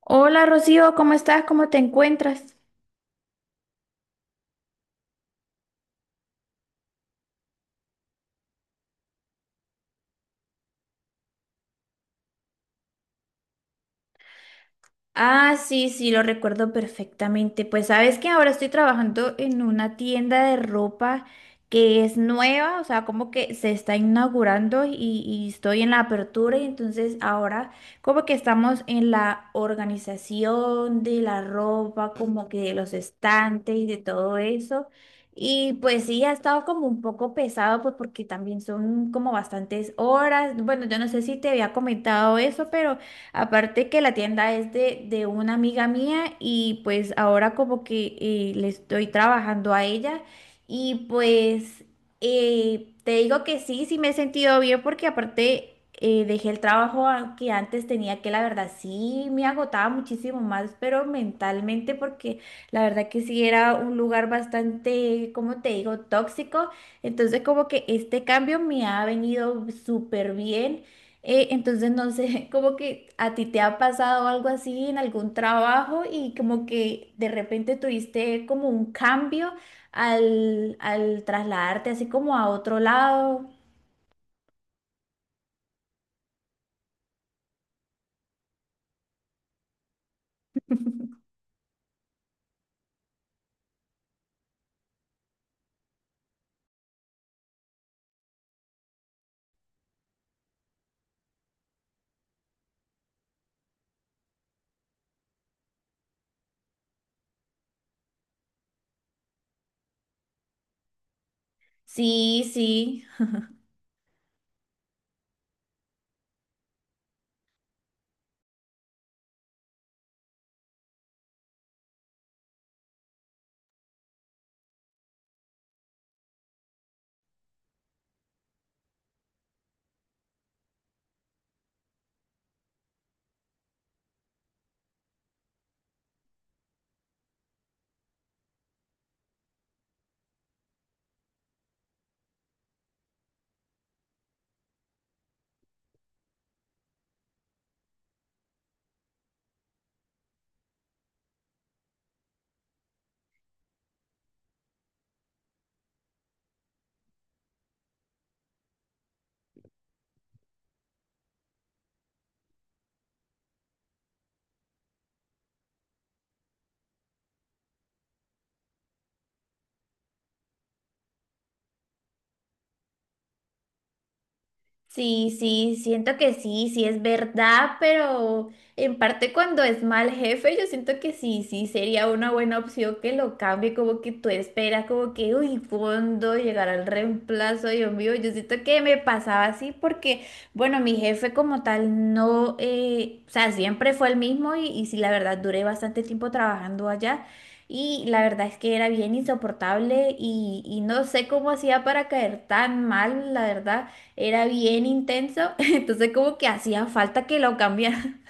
Hola Rocío, ¿cómo estás? ¿Cómo te encuentras? Ah, sí, sí, lo recuerdo perfectamente. Pues sabes que ahora estoy trabajando en una tienda de ropa que es nueva, o sea, como que se está inaugurando y estoy en la apertura y entonces ahora como que estamos en la organización de la ropa, como que de los estantes y de todo eso. Y pues sí, ha estado como un poco pesado, pues porque también son como bastantes horas. Bueno, yo no sé si te había comentado eso, pero... Aparte que la tienda es de una amiga mía y pues ahora como que le estoy trabajando a ella y pues te digo que sí, sí me he sentido bien porque aparte dejé el trabajo que antes tenía que la verdad sí me agotaba muchísimo más, pero mentalmente porque la verdad que sí era un lugar bastante, como te digo, tóxico. Entonces como que este cambio me ha venido súper bien. Entonces, no sé, como que a ti te ha pasado algo así en algún trabajo y como que de repente tuviste como un cambio al trasladarte así como a otro lado. Sí, sí. Sí, sí, siento que sí, sí es verdad, pero en parte cuando es mal jefe, yo siento que sí, sí sería una buena opción que lo cambie, como que tú esperas, como que, uy, ¿cuándo llegará el reemplazo? Dios mío, yo siento que me pasaba así porque, bueno, mi jefe como tal no, o sea, siempre fue el mismo y sí, la verdad, duré bastante tiempo trabajando allá. Y la verdad es que era bien insoportable y no sé cómo hacía para caer tan mal, la verdad era bien intenso, entonces como que hacía falta que lo cambiaran.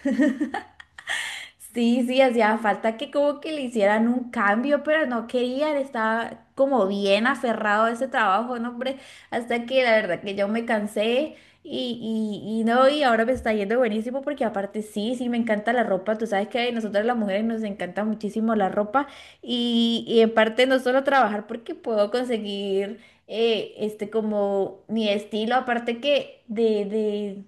Sí, sí, hacía falta que como que le hicieran un cambio, pero no querían, estaba como bien aferrado a ese trabajo, ¿no, hombre? Hasta que la verdad que yo me cansé y no, y ahora me está yendo buenísimo porque aparte sí, sí, me encanta la ropa, tú sabes que a nosotras las mujeres nos encanta muchísimo la ropa y en parte no solo trabajar porque puedo conseguir este como mi estilo, aparte que de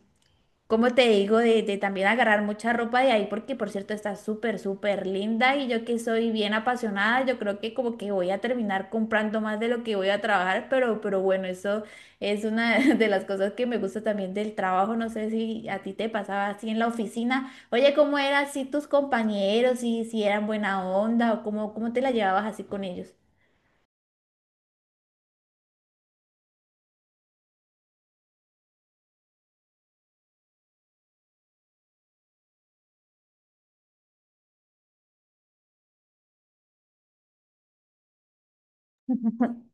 como te digo, de también agarrar mucha ropa de ahí, porque por cierto está súper, súper linda y yo que soy bien apasionada, yo creo que como que voy a terminar comprando más de lo que voy a trabajar, pero bueno, eso es una de las cosas que me gusta también del trabajo, no sé si a ti te pasaba así en la oficina, oye, ¿cómo eran así tus compañeros? Si eran buena onda o cómo te la llevabas así con ellos.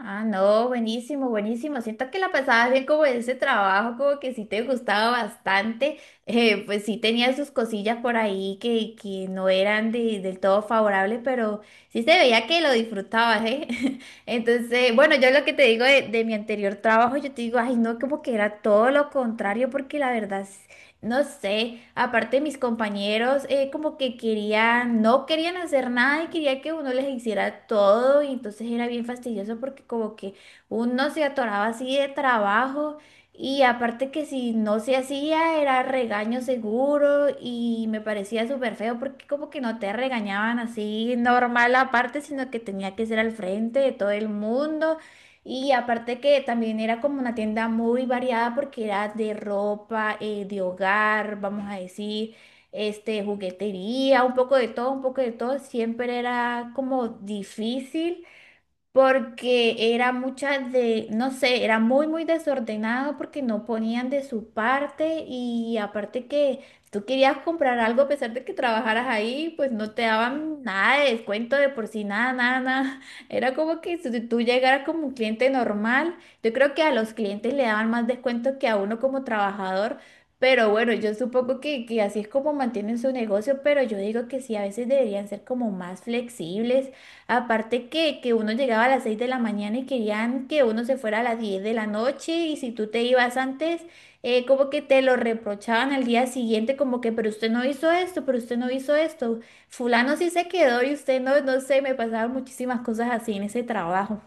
Ah, no, buenísimo, buenísimo. Siento que la pasabas bien como en ese trabajo, como que sí te gustaba bastante. Pues sí tenía sus cosillas por ahí que no eran del todo favorables, pero sí se veía que lo disfrutabas, ¿eh? Entonces, bueno, yo lo que te digo de mi anterior trabajo, yo te digo, ay, no, como que era todo lo contrario, porque la verdad no sé, aparte mis compañeros como que querían, no querían hacer nada y quería que uno les hiciera todo y entonces era bien fastidioso porque como que uno se atoraba así de trabajo y aparte que si no se hacía era regaño seguro y me parecía súper feo porque como que no te regañaban así normal aparte, sino que tenía que ser al frente de todo el mundo y aparte que también era como una tienda muy variada porque era de ropa, de hogar, vamos a decir, este, juguetería, un poco de todo, un poco de todo. Siempre era como difícil porque era muchas de, no sé, era muy, muy desordenado porque no ponían de su parte y aparte que tú querías comprar algo a pesar de que trabajaras ahí, pues no te daban nada de descuento de por sí, nada, nada, nada. Era como que si tú llegaras como un cliente normal, yo creo que a los clientes le daban más descuento que a uno como trabajador. Pero bueno, yo supongo que así es como mantienen su negocio, pero yo digo que sí, a veces deberían ser como más flexibles. Aparte que uno llegaba a las 6 de la mañana y querían que uno se fuera a las 10 de la noche y si tú te ibas antes, como que te lo reprochaban al día siguiente, como que, pero usted no hizo esto, pero usted no hizo esto, fulano sí se quedó y usted no, no sé, me pasaban muchísimas cosas así en ese trabajo.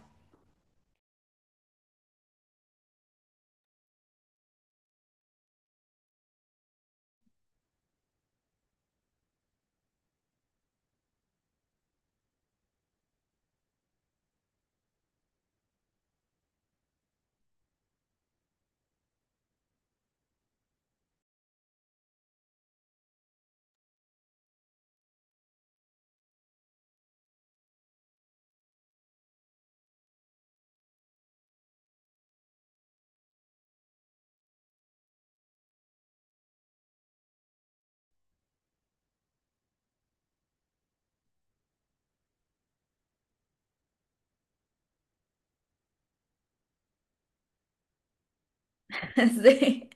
Sí.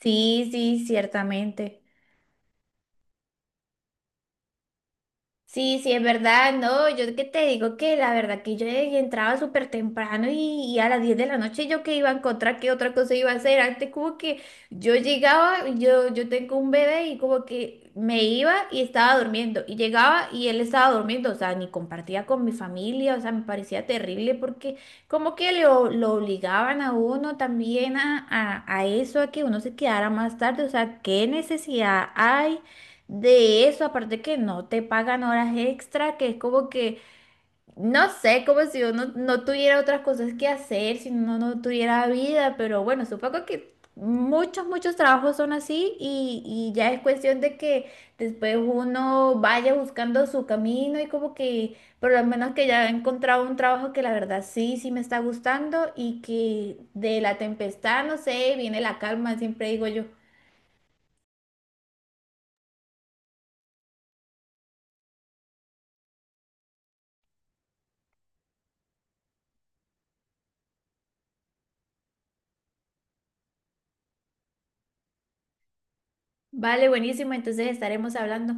Sí, sí, ciertamente. Sí, sí, es verdad, no, yo que te digo que la verdad que yo entraba súper temprano y a las 10 de la noche yo que iba a encontrar qué otra cosa iba a hacer. Antes como que yo llegaba, yo tengo un bebé y como que me iba y estaba durmiendo y llegaba y él estaba durmiendo, o sea, ni compartía con mi familia, o sea, me parecía terrible porque como que lo obligaban a uno también a eso, a que uno se quedara más tarde, o sea, ¿qué necesidad hay? De eso, aparte que no te pagan horas extra, que es como que, no sé, como si uno no tuviera otras cosas que hacer, si uno no tuviera vida, pero bueno, supongo que muchos, muchos trabajos son así y ya es cuestión de que después uno vaya buscando su camino y como que por lo menos que ya he encontrado un trabajo que la verdad sí, sí me está gustando y que de la tempestad, no sé, viene la calma, siempre digo yo. Vale, buenísimo, entonces estaremos hablando.